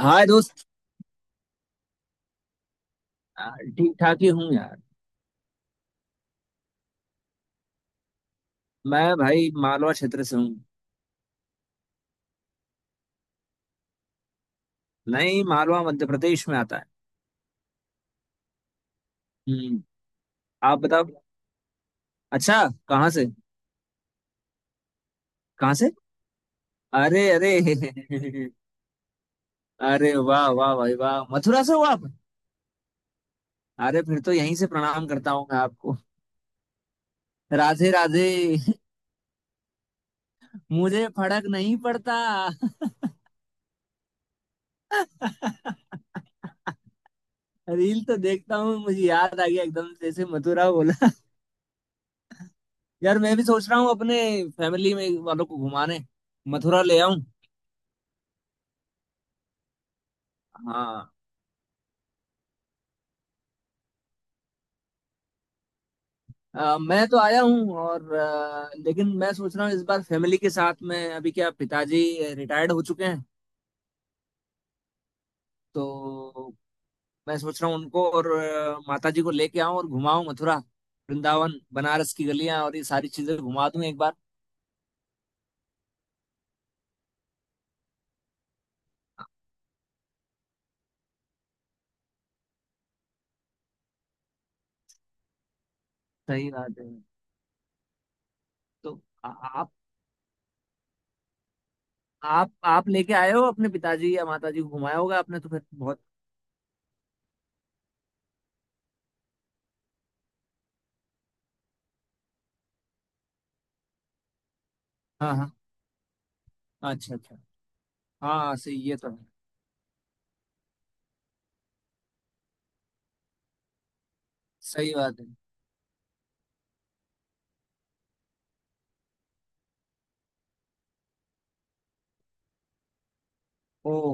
हाय दोस्त। ठीक ठाक ही हूँ यार। मैं भाई मालवा क्षेत्र से हूँ। नहीं, मालवा मध्य प्रदेश में आता है। हम्म। आप बताओ। अच्छा। कहाँ से? कहाँ से? अरे अरे अरे वाह वाह भाई वाह, मथुरा से हो आप? अरे फिर तो यहीं से प्रणाम करता हूँ मैं आपको। राधे राधे। मुझे फर्क नहीं पड़ता। रील तो देखता हूँ, मुझे याद आ गया एकदम जैसे मथुरा बोला। यार मैं भी सोच रहा हूँ अपने फैमिली में वालों को घुमाने मथुरा ले आऊं। हाँ। मैं तो आया हूँ और लेकिन मैं सोच रहा हूँ इस बार फैमिली के साथ में, अभी क्या पिताजी रिटायर्ड हो चुके हैं। तो मैं सोच रहा हूँ उनको और माताजी को लेके आऊँ और घुमाऊँ मथुरा वृंदावन बनारस की गलियां और ये सारी चीजें घुमा दूं एक बार। सही बात है। तो आ- आप आप आप लेके आए हो अपने पिताजी या माताजी को घुमाया होगा आपने तो फिर बहुत। हाँ हाँ। अच्छा अच्छा। हाँ हाँ, सही ये तो है। सही बात है। ओ।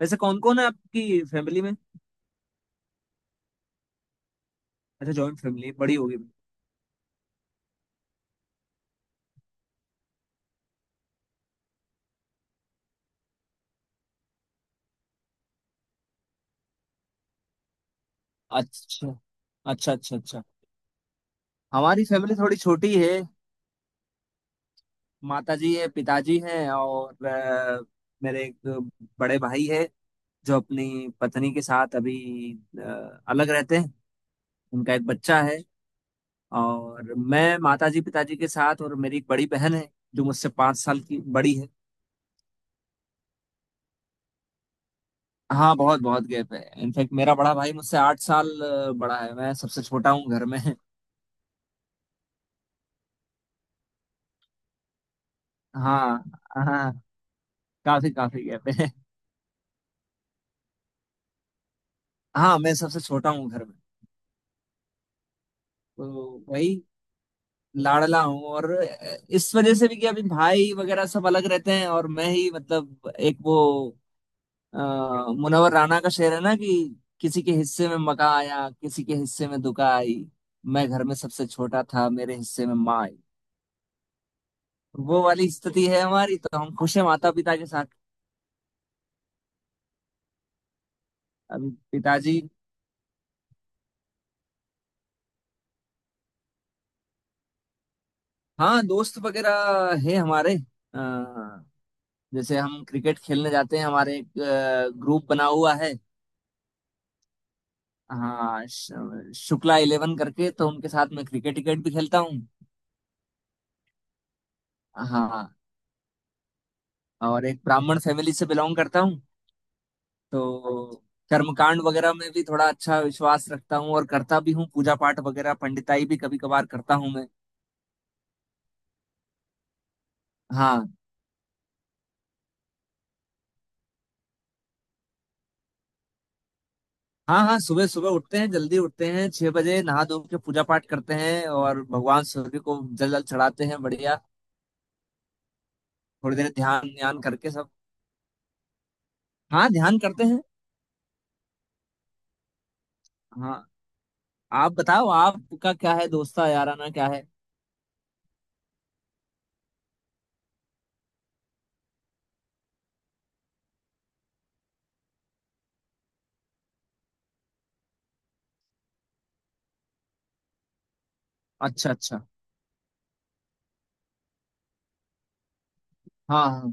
वैसे कौन कौन है आपकी फैमिली में? अच्छा जॉइंट फैमिली बड़ी होगी। अच्छा अच्छा अच्छा। अच्छा। हमारी फैमिली थोड़ी छोटी है। माता जी है पिताजी हैं और मेरे एक बड़े भाई है जो अपनी पत्नी के साथ अभी अलग रहते हैं। उनका एक बच्चा है। और मैं माता जी पिताजी के साथ, और मेरी एक बड़ी बहन है जो मुझसे 5 साल की बड़ी है। हाँ बहुत बहुत गैप है, इनफैक्ट मेरा बड़ा भाई मुझसे 8 साल बड़ा है। मैं सबसे छोटा हूँ घर में। हाँ हाँ। काफी काफी गैप है। हाँ मैं सबसे छोटा हूँ घर में। तो वही लाडला हूँ, और इस वजह से भी कि अभी भाई वगैरह सब अलग रहते हैं और मैं ही मतलब एक वो। अ, मुनव्वर राना का शेर है ना कि किसी के हिस्से में मका आया किसी के हिस्से में दुका आई, मैं घर में सबसे छोटा था मेरे हिस्से में माँ आई। वो वाली स्थिति है हमारी, तो हम खुश हैं माता पिता के साथ। अभी पिताजी। हाँ दोस्त वगैरह है हमारे। अ, जैसे हम क्रिकेट खेलने जाते हैं, हमारे एक ग्रुप बना हुआ है। हाँ शुक्ला 11 करके, तो उनके साथ मैं क्रिकेट क्रिकेट भी खेलता हूँ। हाँ। और एक ब्राह्मण फैमिली से बिलोंग करता हूँ। तो कर्मकांड वगैरह में भी थोड़ा अच्छा विश्वास रखता हूँ और करता भी हूँ, पूजा पाठ वगैरह पंडिताई भी कभी कभार करता हूँ मैं। हाँ। हाँ हाँ सुबह सुबह उठते हैं, जल्दी उठते हैं, 6 बजे नहा धो के पूजा पाठ करते हैं और भगवान सूर्य को जल जल चढ़ाते हैं, बढ़िया। थोड़ी देर ध्यान ध्यान करके सब। हाँ ध्यान करते हैं। हाँ। आप बताओ आपका क्या है, दोस्ता याराना क्या है? अच्छा अच्छा। हाँ हाँ।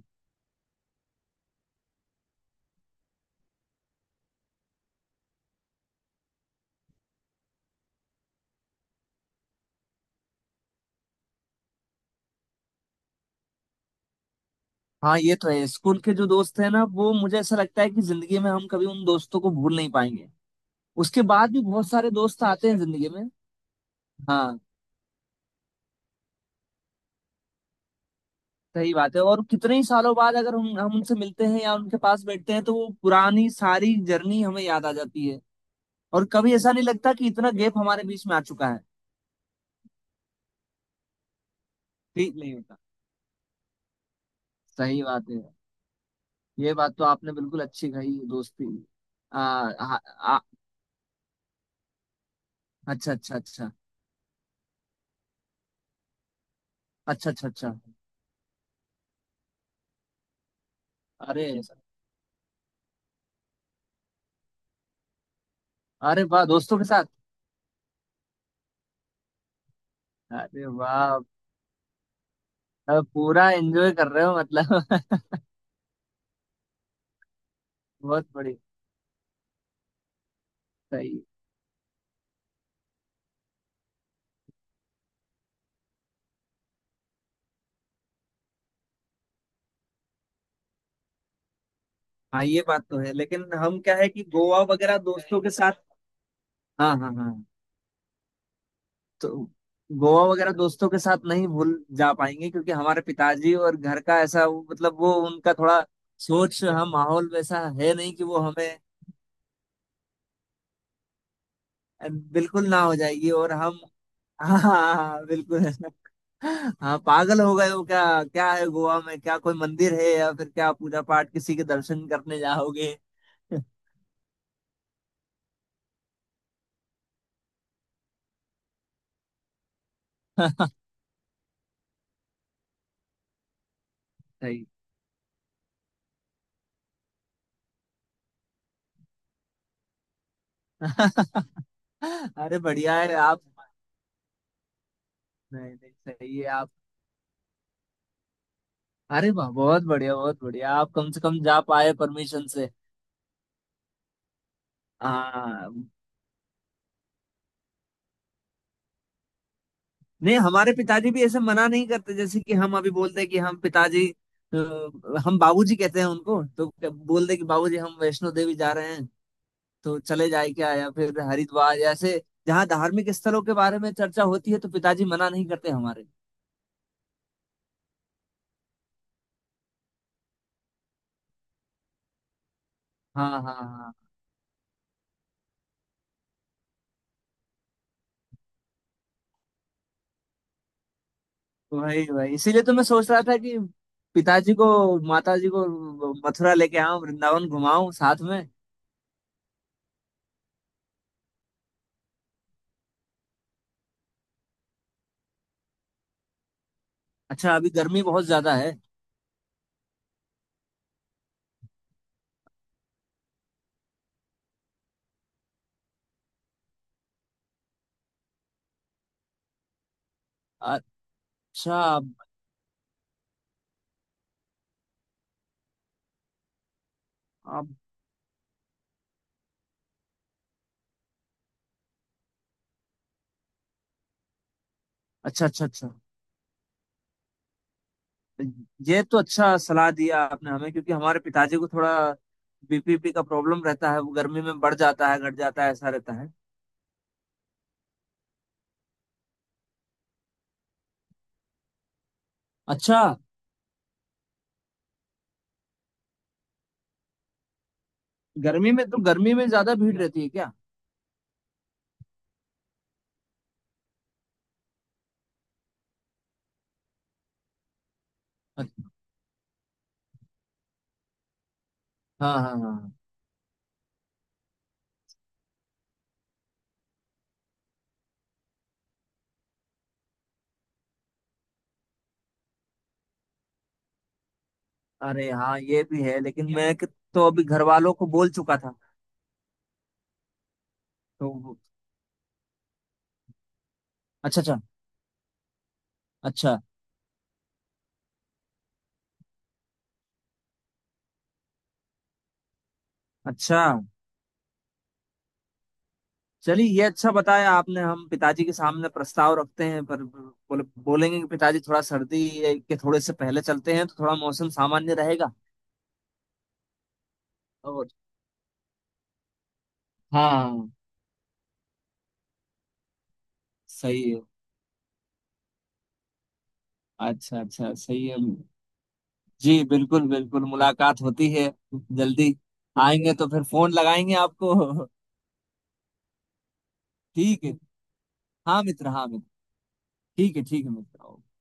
हाँ, ये तो है। स्कूल के जो दोस्त हैं ना वो, मुझे ऐसा लगता है कि जिंदगी में हम कभी उन दोस्तों को भूल नहीं पाएंगे। उसके बाद भी बहुत सारे दोस्त आते हैं जिंदगी में। हाँ। सही बात है, और कितने ही सालों बाद अगर हम उनसे मिलते हैं या उनके पास बैठते हैं तो वो पुरानी सारी जर्नी हमें याद आ जाती है। और कभी ऐसा नहीं लगता कि इतना गैप हमारे बीच में आ चुका है। ठीक नहीं होता। सही बात है। ये बात तो आपने बिल्कुल अच्छी कही, दोस्ती। आ, आ, आ, अच्छा अच्छा अच्छा। अच्छा अच्छा अच्छा। अरे। अरे वाह दोस्तों के साथ। अरे वाह। अब पूरा एंजॉय कर रहे हो मतलब। बहुत बढ़िया। सही। हाँ ये बात तो है, लेकिन हम क्या है कि गोवा वगैरह दोस्तों के साथ। हाँ हाँ हाँ। तो गोवा वगैरह दोस्तों के साथ नहीं भूल जा पाएंगे, क्योंकि हमारे पिताजी और घर का ऐसा मतलब वो उनका थोड़ा सोच, हम माहौल वैसा है नहीं कि वो हमें। बिल्कुल ना हो जाएगी, और हम। हाँ हाँ, हाँ, बिल्कुल। हाँ पागल हो गए हो क्या, क्या है गोवा में, क्या कोई मंदिर है या फिर क्या पूजा पाठ किसी के दर्शन करने जाओगे? सही। अरे बढ़िया है आप। नहीं नहीं सही है आप। अरे वाह बहुत बढ़िया बहुत बढ़िया, आप कम से कम जा पाए परमिशन से। हाँ। नहीं हमारे पिताजी भी ऐसे मना नहीं करते, जैसे कि हम अभी बोलते हैं कि हम पिताजी हम बाबूजी कहते हैं उनको, तो बोलते हैं कि बाबूजी हम वैष्णो देवी जा रहे हैं तो चले जाए क्या, या फिर हरिद्वार, ऐसे जहाँ धार्मिक स्थलों के बारे में चर्चा होती है, तो पिताजी मना नहीं करते हमारे। हाँ हाँ हाँ। वही वही, इसीलिए तो मैं सोच रहा था कि पिताजी को माता जी को मथुरा लेके आऊं, वृंदावन घुमाऊं साथ में। अच्छा अभी गर्मी बहुत ज्यादा है। अच्छा। अब- अच्छा अच्छा अच्छा। ये तो अच्छा सलाह दिया आपने हमें, क्योंकि हमारे पिताजी को थोड़ा बीपीपी का प्रॉब्लम रहता है, वो गर्मी में बढ़ जाता है घट जाता है ऐसा रहता है। अच्छा गर्मी में, तो गर्मी में ज्यादा भीड़ रहती है क्या? अच्छा, हाँ हाँ हाँ। अरे हाँ ये भी है, लेकिन मैं तो अभी घर वालों को बोल चुका था तो अच्छा अच्छा अच्छा। अच्छा। चलिए ये अच्छा बताया आपने, हम पिताजी के सामने प्रस्ताव रखते हैं, पर बोलेंगे कि पिताजी थोड़ा सर्दी के थोड़े से पहले चलते हैं तो थोड़ा मौसम सामान्य रहेगा। और हाँ। सही है। अच्छा अच्छा सही है। जी बिल्कुल बिल्कुल, मुलाकात होती है। जल्दी आएंगे तो फिर फोन लगाएंगे आपको। ठीक है। हाँ मित्र हाँ मित्र, ठीक है मित्र। ओके।